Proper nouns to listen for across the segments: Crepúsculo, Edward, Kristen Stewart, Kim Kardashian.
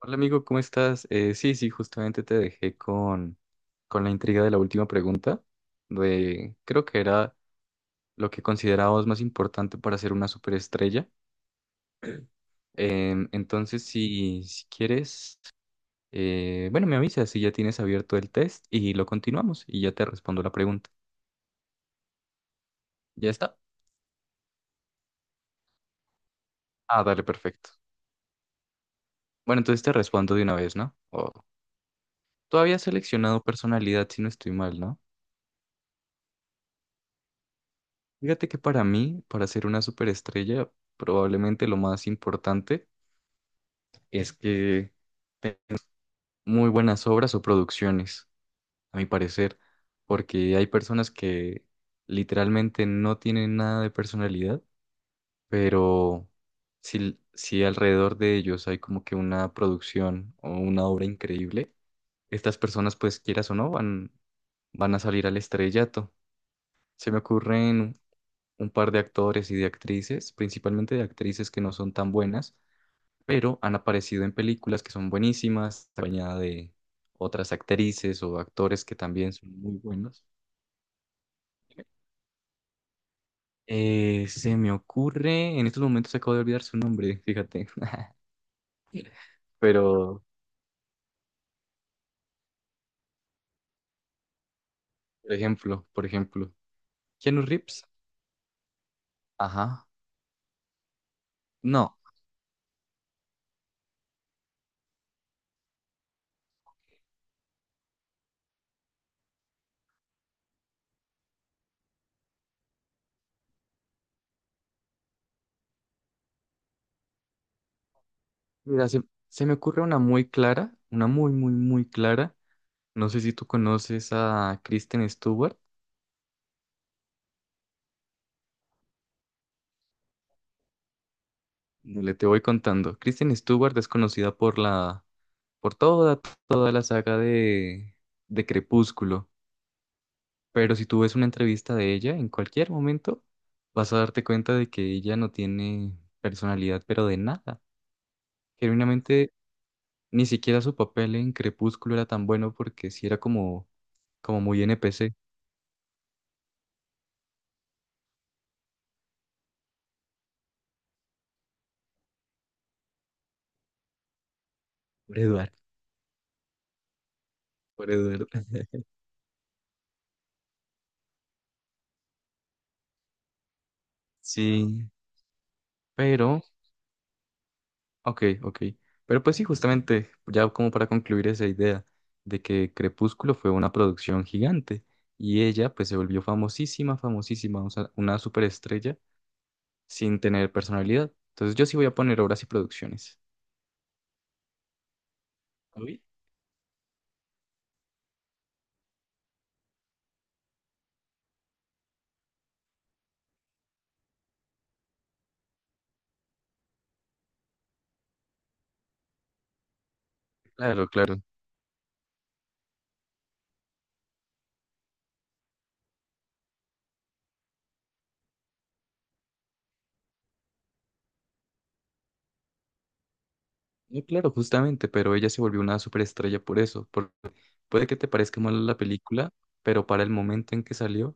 Hola amigo, ¿cómo estás? Sí, justamente te dejé con la intriga de la última pregunta, de creo que era lo que considerabas más importante para ser una superestrella. Entonces, si quieres, bueno, me avisas si ya tienes abierto el test y lo continuamos y ya te respondo la pregunta. ¿Ya está? Ah, dale, perfecto. Bueno, entonces te respondo de una vez, ¿no? Tú habías seleccionado personalidad, si no estoy mal, ¿no? Fíjate que para mí, para ser una superestrella, probablemente lo más importante es que tenga muy buenas obras o producciones, a mi parecer, porque hay personas que literalmente no tienen nada de personalidad, pero si alrededor de ellos hay como que una producción o una obra increíble, estas personas, pues quieras o no, van a salir al estrellato. Se me ocurren un par de actores y de actrices, principalmente de actrices que no son tan buenas, pero han aparecido en películas que son buenísimas, acompañada de otras actrices o actores que también son muy buenos. Se me ocurre, en estos momentos acabo de olvidar su nombre, fíjate, pero, por ejemplo, Keanu Reeves, ajá, no, mira, se me ocurre una muy clara, una muy, muy, muy clara, no sé si tú conoces a Kristen Stewart. Dale, te voy contando. Kristen Stewart es conocida por toda, toda la saga de Crepúsculo. Pero si tú ves una entrevista de ella, en cualquier momento vas a darte cuenta de que ella no tiene personalidad, pero de nada. Genuinamente, ni siquiera su papel en Crepúsculo era tan bueno porque sí era como, como muy NPC. Por Edward. Por Edward. Sí, pero... Ok, ok. Pero pues sí, justamente, ya como para concluir esa idea de que Crepúsculo fue una producción gigante y ella pues se volvió famosísima, famosísima, o sea, una superestrella sin tener personalidad. Entonces yo sí voy a poner obras y producciones. ¿Oí? Claro, claro. No, claro, justamente, pero ella se volvió una superestrella por eso. Por- puede que te parezca mala la película, pero para el momento en que salió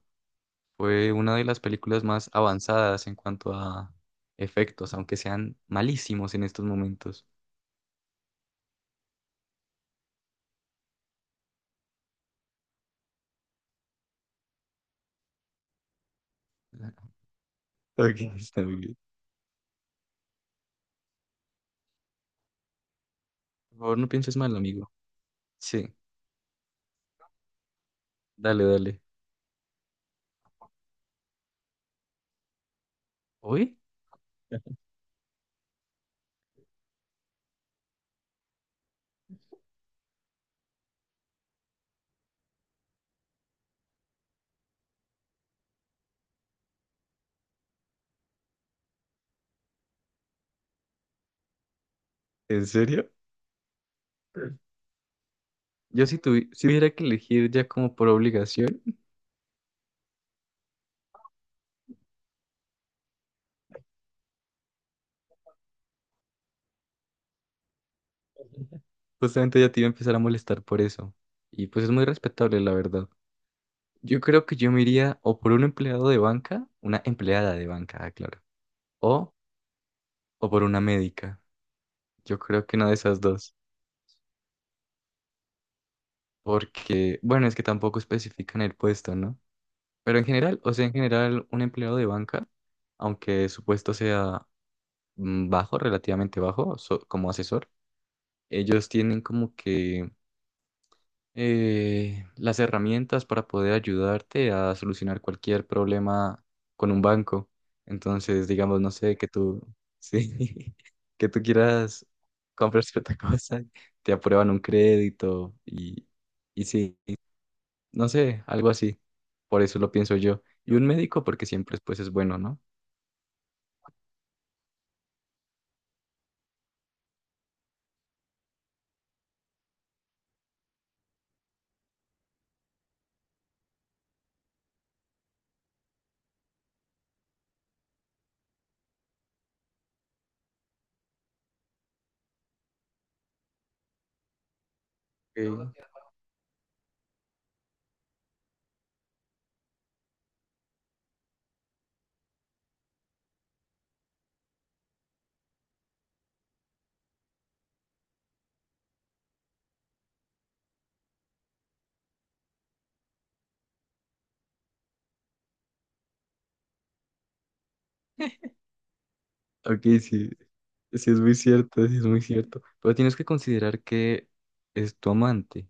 fue una de las películas más avanzadas en cuanto a efectos, aunque sean malísimos en estos momentos. Ok, está muy bien. Por favor, no pienses mal, amigo. Sí, dale, dale. ¿Hoy? ¿En serio? Yo si si tuviera que elegir ya como por obligación, justamente ya te iba a empezar a molestar por eso. Y pues es muy respetable, la verdad. Yo creo que yo me iría o por un empleado de banca, una empleada de banca, ah, claro, o, o por una médica. Yo creo que una de esas dos. Porque, bueno, es que tampoco especifican el puesto, ¿no? Pero en general, o sea, en general, un empleado de banca, aunque su puesto sea bajo, relativamente bajo, como asesor, ellos tienen como que las herramientas para poder ayudarte a solucionar cualquier problema con un banco. Entonces, digamos, no sé, que tú, sí, que tú quieras comprar cierta cosa, te aprueban un crédito y sí. No sé, algo así. Por eso lo pienso yo. Y un médico porque siempre pues es bueno, ¿no? Ok. Ok, sí, sí es muy cierto, sí es muy cierto. Pero tienes que considerar que es tu amante,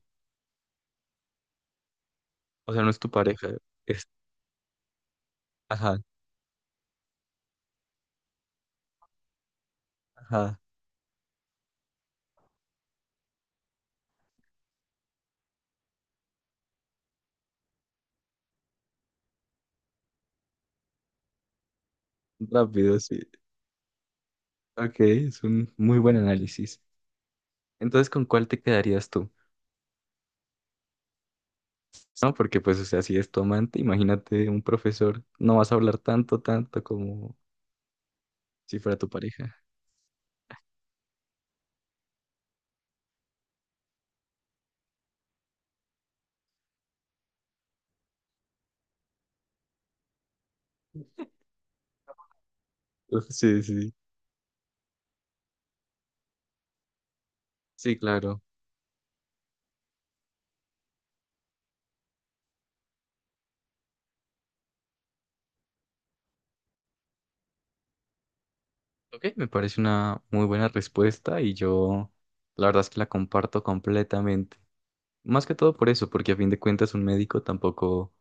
o sea, no es tu pareja, es, ajá, ajá, rápido, sí. Ok, es un muy buen análisis. Entonces, ¿con cuál te quedarías tú? No, porque pues, o sea, si es tu amante, imagínate un profesor, no vas a hablar tanto, tanto como si fuera tu pareja. Uf, sí, sí, sí, claro. Ok, me parece una muy buena respuesta y yo la verdad es que la comparto completamente. Más que todo por eso, porque a fin de cuentas un médico tampoco,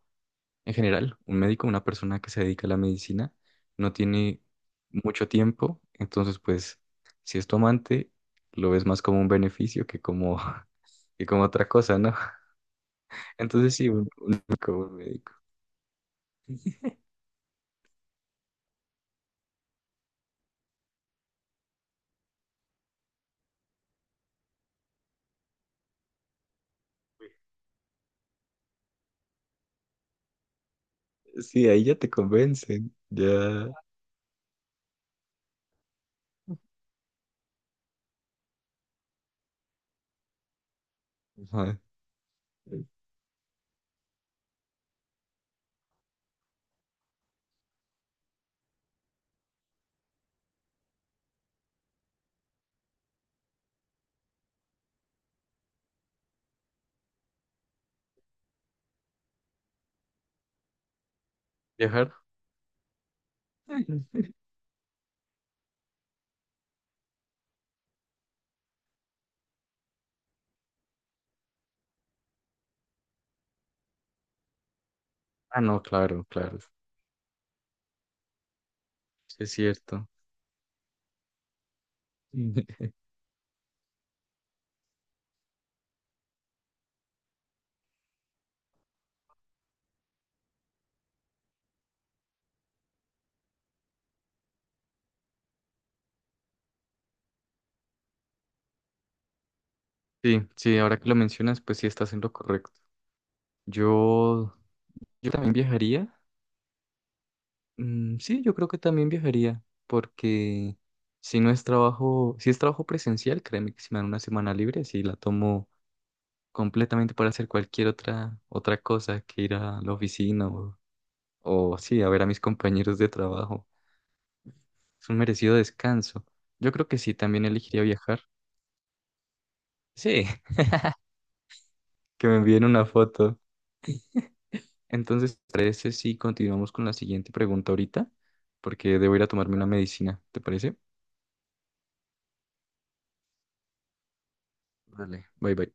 en general, un médico, una persona que se dedica a la medicina, no tiene mucho tiempo, entonces pues si es tu amante, lo ves más como un beneficio que como, que como otra cosa, ¿no? Entonces sí, un médico, un médico. Sí, ahí ya te convencen, ya... ajá. Viajar. Ah, no, claro, claro, sí es cierto. Sí, sí, sí, ahora que lo mencionas, pues sí estás en lo correcto. Yo, yo también viajaría. Mm, sí, yo creo que también viajaría, porque si no es trabajo, si es trabajo presencial, créeme que si me dan una semana libre, sí la tomo completamente para hacer cualquier otra, otra cosa que ir a la oficina o sí, a ver a mis compañeros de trabajo. Es un merecido descanso. Yo creo que sí, también elegiría viajar. Sí, que me envíen una foto. Entonces, ¿te parece si continuamos con la siguiente pregunta ahorita? Porque debo ir a tomarme una medicina, ¿te parece? Vale. Bye bye.